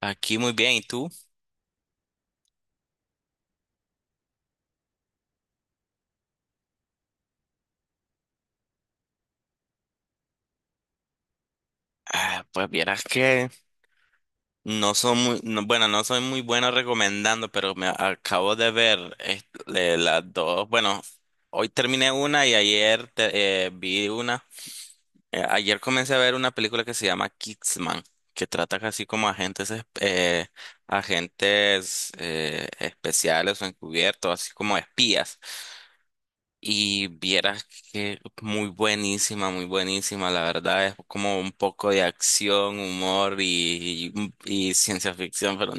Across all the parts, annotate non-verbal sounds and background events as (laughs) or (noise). Aquí muy bien, ¿y tú? Ah, pues vieras que no soy muy, no soy muy bueno recomendando, pero me acabo de ver este, las dos. Bueno, hoy terminé una y ayer vi una. Ayer comencé a ver una película que se llama Kingsman, que trata casi como agentes, agentes especiales o encubiertos, así como espías. Y vieras que muy buenísima, la verdad es como un poco de acción, humor y ciencia ficción, pero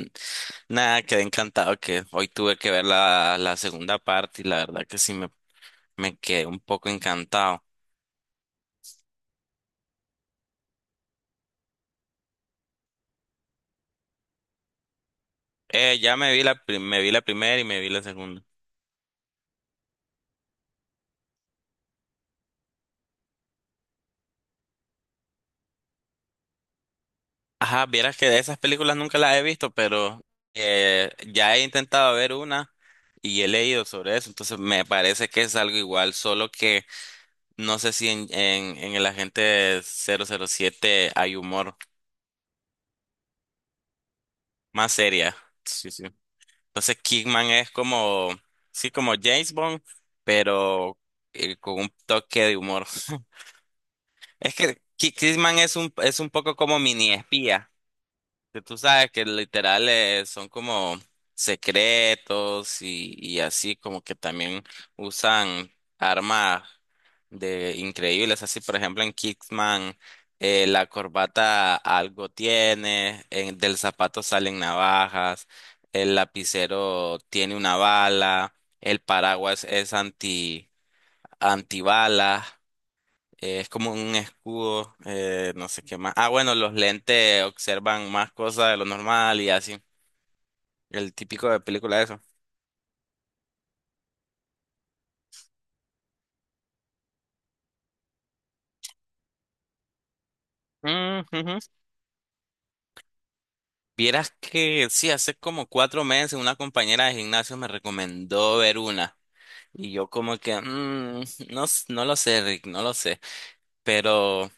nada, quedé encantado que hoy tuve que ver la segunda parte y la verdad que sí me quedé un poco encantado. Ya me vi me vi la primera y me vi la segunda. Ajá, vieras que de esas películas nunca las he visto, pero ya he intentado ver una y he leído sobre eso, entonces me parece que es algo igual, solo que no sé si en el agente 007 hay humor más seria. Sí, sí. Entonces, Kingman es como, sí, como James Bond, pero con un toque de humor. (laughs) Es que Kingman es un poco como mini espía, que tú sabes que literal son como secretos y así como que también usan armas de increíbles, así por ejemplo en Kickman la corbata algo tiene, del zapato salen navajas, el lapicero tiene una bala, el paraguas es anti antibalas. Es como un escudo, no sé qué más. Ah, bueno, los lentes observan más cosas de lo normal y así. El típico de película de eso. Mm, ujú. Vieras que sí, hace como cuatro meses una compañera de gimnasio me recomendó ver una. Y yo como que, mm, no, no lo sé, Rick, no lo sé. Pero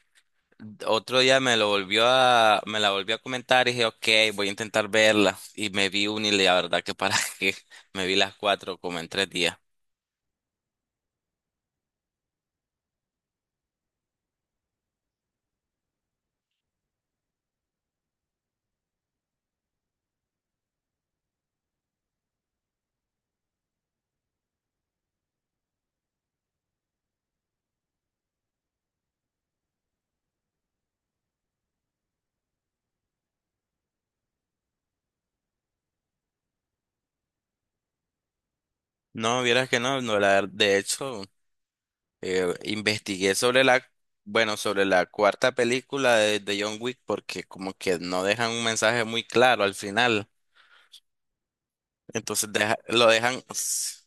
otro día me la volvió a comentar y dije, ok, voy a intentar verla. Y me vi una y la verdad que para (laughs) que me vi las cuatro como en tres días. No, vieras que no, no la, de hecho, investigué sobre la, bueno, sobre la cuarta película de John Wick porque como que no dejan un mensaje muy claro al final, entonces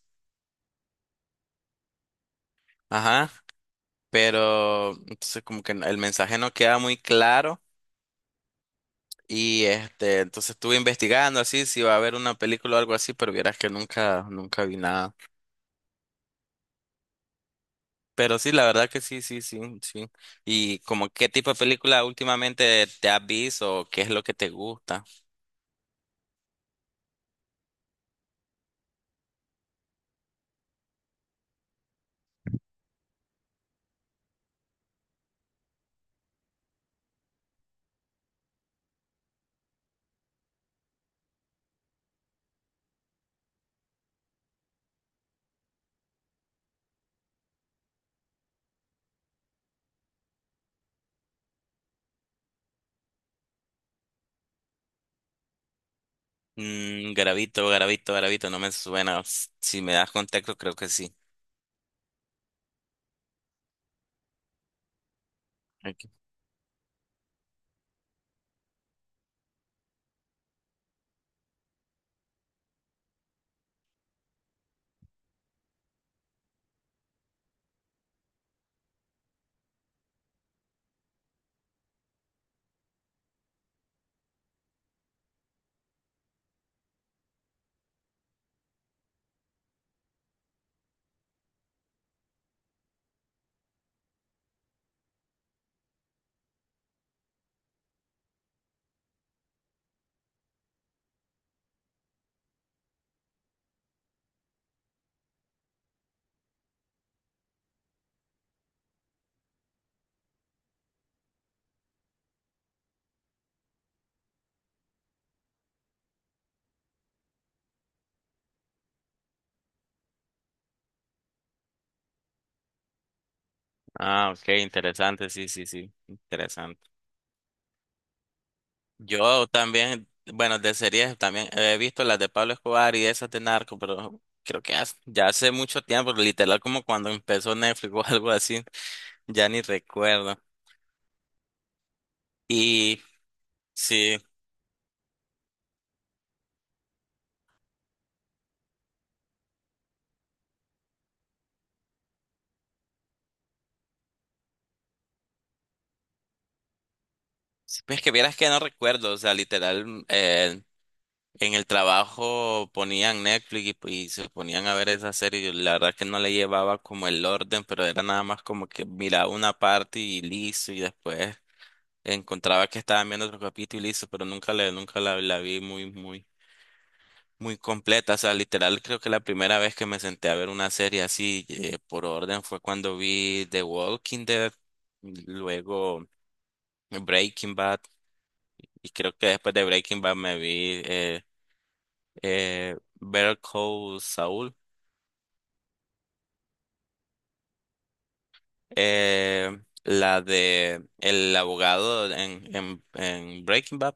ajá, pero entonces como que el mensaje no queda muy claro y este, entonces estuve investigando así si va a haber una película o algo así, pero vieras que nunca, nunca vi nada. Pero sí, la verdad que sí, sí, sí, sí. ¿Y como qué tipo de película últimamente te has visto o qué es lo que te gusta? Mm, Gravito, Gravito, Gravito, no me suena. Si me das contexto, creo que sí. Ok. Ah, ok, interesante, sí, sí, sí, interesante. Yo también, bueno, de series también he visto las de Pablo Escobar y esas de Narco, pero creo que ya hace mucho tiempo, literal como cuando empezó Netflix (laughs) o algo así, ya ni recuerdo. Y sí. Sí, pues que vieras que no recuerdo, o sea, literal, en el trabajo ponían Netflix y se ponían a ver esa serie. Yo la verdad que no le llevaba como el orden, pero era nada más como que miraba una parte y listo, y después encontraba que estaban viendo otro capítulo y listo, pero nunca la vi muy, muy, muy completa. O sea, literal, creo que la primera vez que me senté a ver una serie así, por orden fue cuando vi The Walking Dead, luego Breaking Bad. Y creo que después de Breaking Bad me vi Better Call Saul, eh, la de el abogado en Breaking Bad.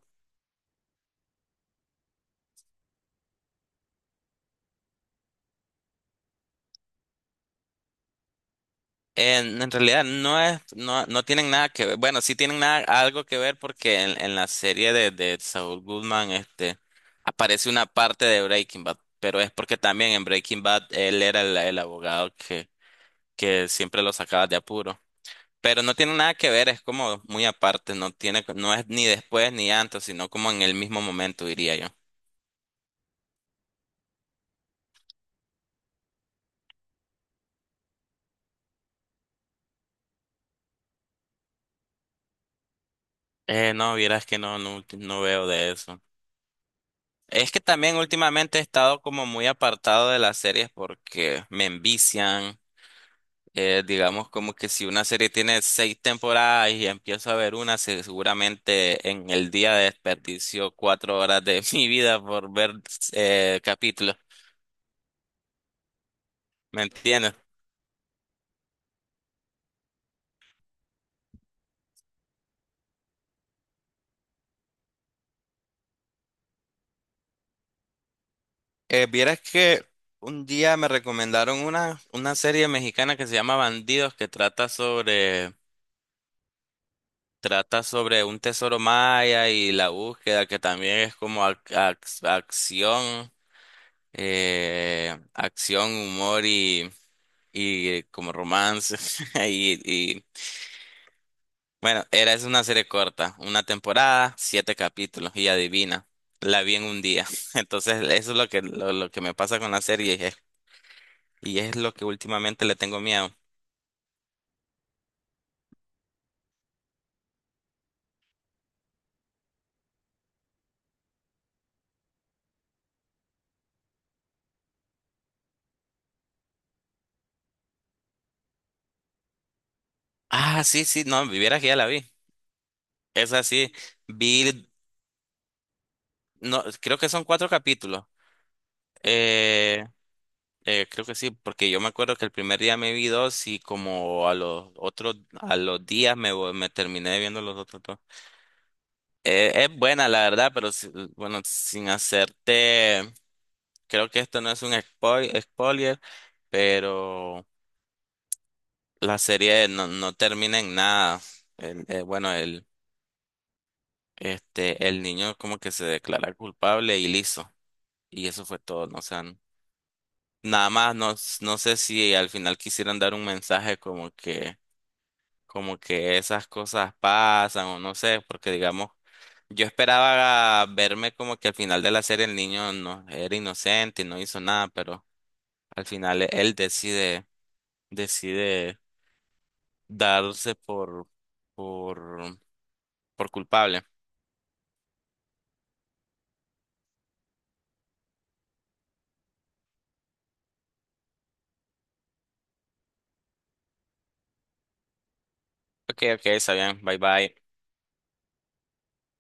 En realidad no, no tienen nada que ver. Bueno, sí tienen nada, algo que ver porque en la serie de Saul Goodman este, aparece una parte de Breaking Bad, pero es porque también en Breaking Bad él era el abogado que siempre lo sacaba de apuro. Pero no tiene nada que ver, es como muy aparte, no es ni después ni antes, sino como en el mismo momento, diría yo. No, vieras que no, no, no veo de eso. Es que también últimamente he estado como muy apartado de las series porque me envician. Digamos como que si una serie tiene seis temporadas y empiezo a ver una, seguramente en el día desperdicio cuatro horas de (laughs) mi vida por ver capítulos. ¿Me entiendes? Vieras que un día me recomendaron una serie mexicana que se llama Bandidos, que trata sobre un tesoro maya y la búsqueda, que también es como acción, acción, humor y como romance. (laughs) Y, y bueno, es una serie corta, una temporada, siete capítulos, y adivina, la vi en un día. (laughs) Entonces, eso es lo que me pasa con la serie. Y es lo que últimamente le tengo miedo. Ah, sí, sí, no, viviera que ya la vi. Es así vi, no, creo que son cuatro capítulos. Eh, Creo que sí, porque yo me acuerdo que el primer día me vi dos y como a los otros, a los días me terminé viendo los otros dos. Es buena, la verdad, pero bueno, sin hacerte, creo que esto no es un spoiler, pero la serie no termina en nada. El- eh, bueno, el, el niño como que se declara culpable y listo. Y eso fue todo, ¿no? O sea, nada más, no, no sé si al final quisieran dar un mensaje como que esas cosas pasan o no sé, porque digamos, yo esperaba verme como que al final de la serie el niño no era inocente y no hizo nada, pero al final él decide darse por, por culpable. Ok, ok, está bien, bye bye.